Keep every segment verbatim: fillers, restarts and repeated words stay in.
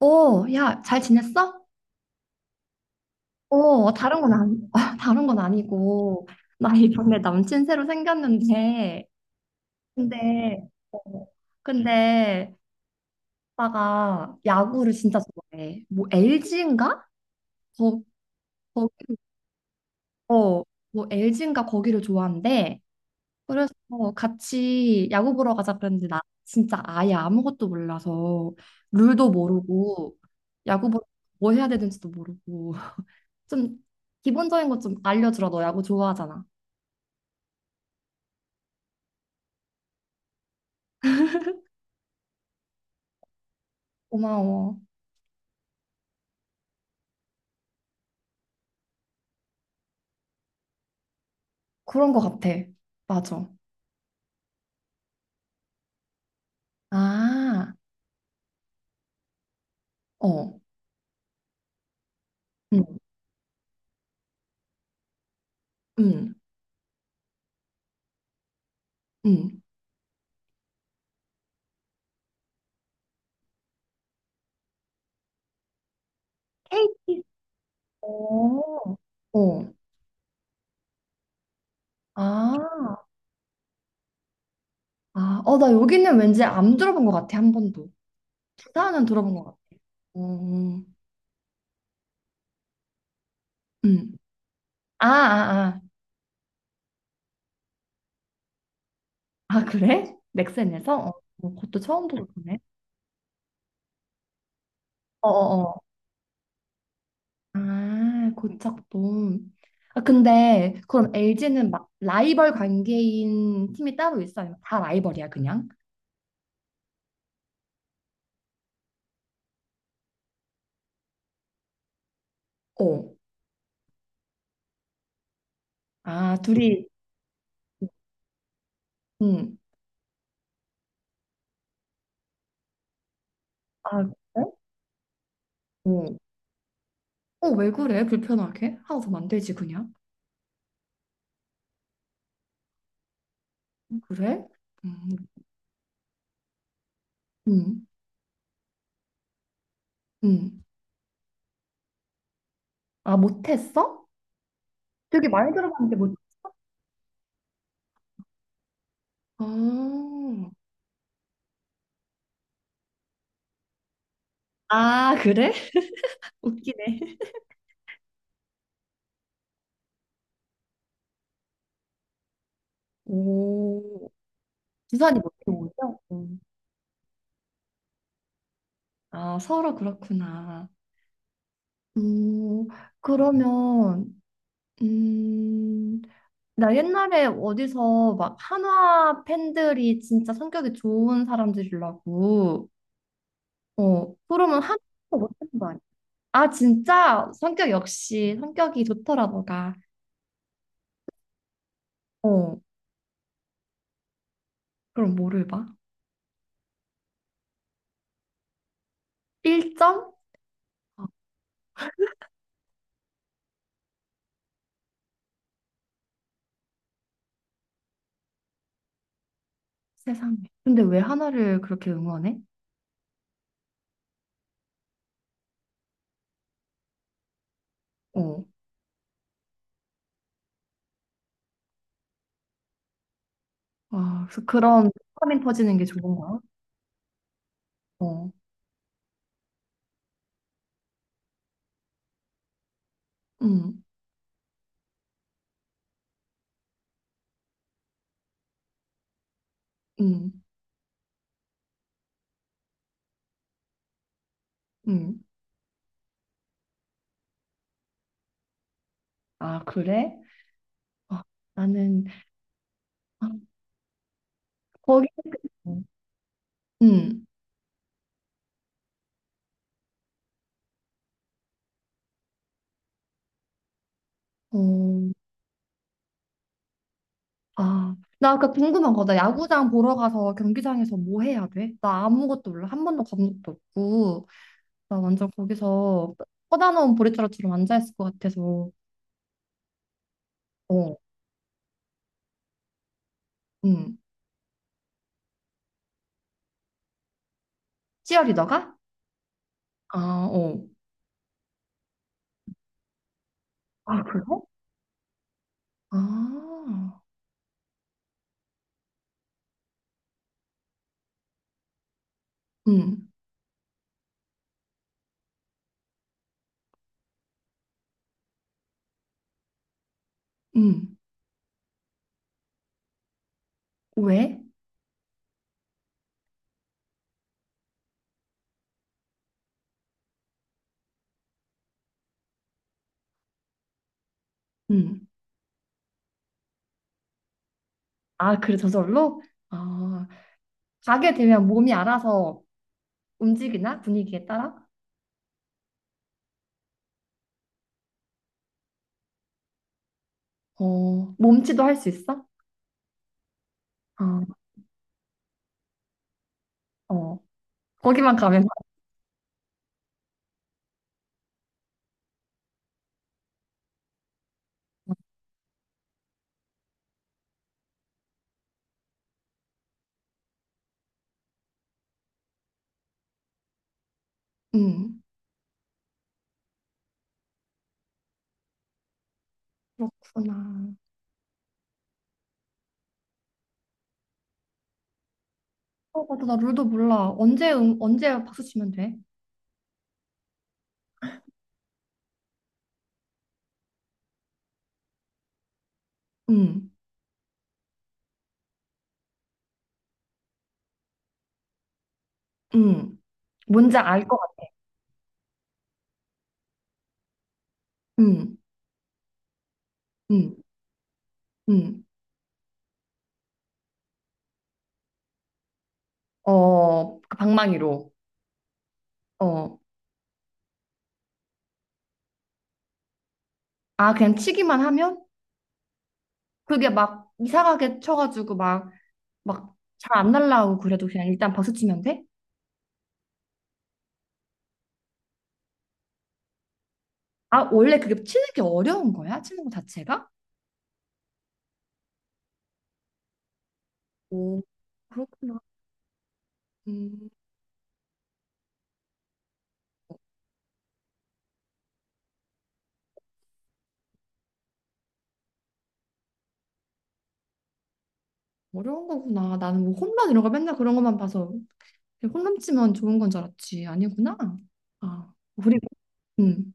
오, 야, 잘 지냈어? 오, 다른 건 안, 다른 건 아니고. 나 이번에 남친 새로 생겼는데. 근데, 어, 근데, 오빠가 야구를 진짜 좋아해. 뭐, 엘지인가? 거, 거, 어, 뭐, 엘지인가 거기를 좋아한대. 그래서 같이 야구 보러 가자 그랬는데, 나 진짜 아예 아무것도 몰라서, 룰도 모르고, 야구 보러 뭐 해야 되는지도 모르고. 좀 기본적인 것 좀 알려주라. 너 야구 좋아하잖아. 고마워. 그런 것 같아. 맞아. 아, 어. 응, 응, 응. 케이티. 어, 어. 아, 아, 어, 나 여기는 왠지 안 들어본 것 같아. 한 번도. 부산은 들어본 것 같아. 어, 어. 응. 아, 아, 아. 아, 그래? 넥센에서? 어, 어, 그것도 처음 들어보네. 어어어. 아, 고척돔. 아, 근데 그럼 엘지는 막 라이벌 관계인 팀이 따로 있어요? 다 라이벌이야, 그냥? 어. 아, 둘이, 응. 아, 그래? 어. 어, 왜 그래? 불편하게? 하나 더 만들지, 그냥? 응, 그래? 음, 음, 음. 아, 못했어? 되게 많이 들어봤는데 못. 아, 아, 그래? 웃기네. 오, 부산이 못해 오죠? 음. 아, 서로 그렇구나. 음, 그러면, 음, 나 옛날에 어디서 막 한화 팬들이 진짜 성격이 좋은 사람들이라고, 어, 그러면 한화 못하는 거 아니야? 아, 진짜? 성격 역시, 성격이 좋더라, 너가. 어, 그럼 뭐를 봐? 일 점? 아, 세상에. 근데 왜 하나를 그렇게 응원해? 어, 아, 그래서 그런 화면 터지는 게 좋은 거야? 어, 음, 음, 음. 아, 그래? 아, 나는 거기. 음. 음. 어. 아, 나 아까 궁금한 거. 나 야구장 보러 가서 경기장에서 뭐 해야 돼? 나 아무것도 몰라. 한 번도 가본 적도 없고. 나 완전 거기서 뻗어놓은 보리자루처럼 앉아 있을 것 같아서. 어. 음. 치어리더가? 아, 어. 아, 그래? 아. 음. 음. 왜? 음. 아, 그래 저절로? 아, 가게 되면 몸이 알아서 움직이나? 분위기에 따라? 어. 몸치도 할 수 있어? 아. 어, 거기만 가면. 음, 그렇구나. 어, 맞아. 나 룰도 몰라. 언제, 응, 언제 박수 치면 돼? 음, 음, 뭔지 알 것 같아. 음, 음, 음. 어, 그 방망이로. 어, 아, 그냥 치기만 하면? 그게 막 이상하게 쳐가지고 막, 막 잘 안 날라오고 그래도 그냥 일단 박수 치면 돼? 아, 원래 그게 치는 게 어려운 거야? 치는 거 자체가? 오, 그렇구나. 음, 어, 어려운 거구나. 나는 뭐 홈런 이런 거 맨날 그런 것만 봐서 홈런치면 좋은 건 줄 알았지. 아니구나. 아, 우리. 음.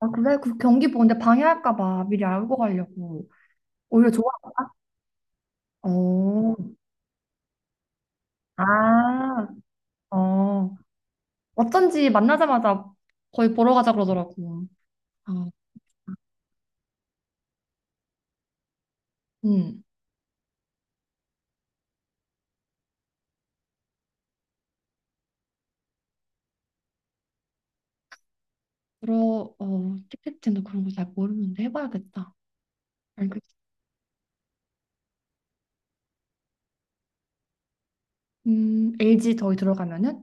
아, 그래? 그 경기 보는데 방해할까 봐 미리 알고 가려고. 오히려 좋아. 어, 아, 어. 어쩐지 만나자마자 거의 보러 가자 그러더라고. 아, 음. 들어 어, 티켓팅도 그런 거 잘 모르는데 해봐야겠다. 알겠어. 음, 엘지 저희 들어가면은,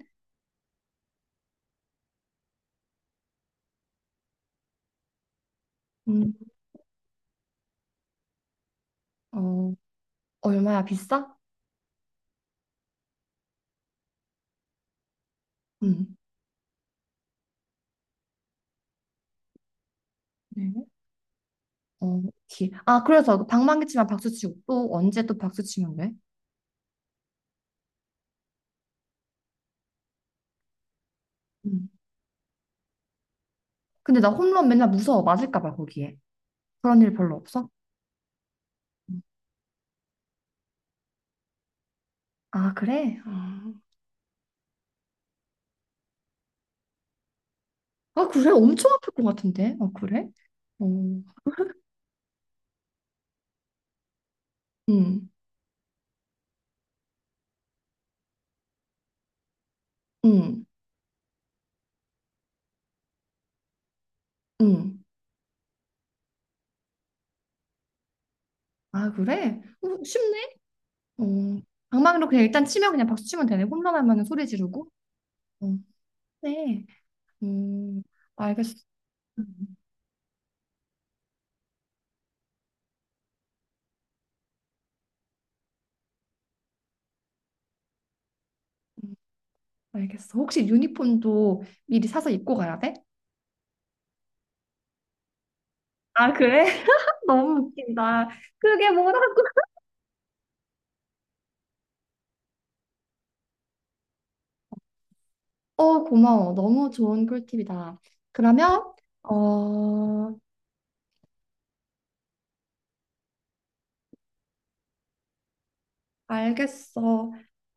음, 어, 얼마야, 비싸? 음. 네. 어, 오케이. 아, 그래서 그 방망이 치면 박수 치고 또 언제 또 박수 치면 돼? 음. 근데 나 홈런 맨날 무서워. 맞을까 봐 거기에. 그런 일 별로 없어? 음. 아, 그래? 아, 아, 그래? 엄청 아플 것 같은데. 아, 그래? 어. 음. 음. 음. 아, 그래? 어, 쉽네? 어. 방망이로 그냥 일단 치면 그냥 박수 치면 되네. 홈런 하면 소리 지르고. 어. 네. 음. 알겠어. 음. 음, 알겠어. 혹시 유니폼도 미리 사서 입고 가야 돼? 아, 그래? 너무 웃긴다. 그게 뭐라고? 어, 고마워. 너무 좋은 꿀팁이다. 그러면, 어, 알겠어.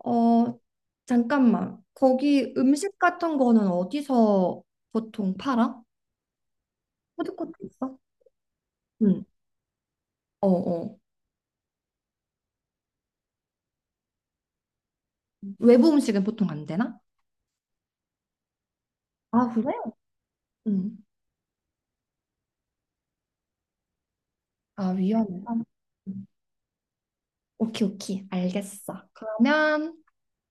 어, 잠깐만. 거기 음식 같은 거는 어디서 보통 팔아? 푸드코트 있어? 응. 어, 어. 외부 음식은 보통 안 되나? 아, 그래? 응. 아, 위험해. 아, 응. 오케이, 오케이. 알겠어. 그러면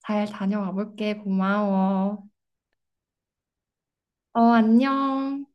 잘 다녀와 볼게. 고마워. 어, 안녕.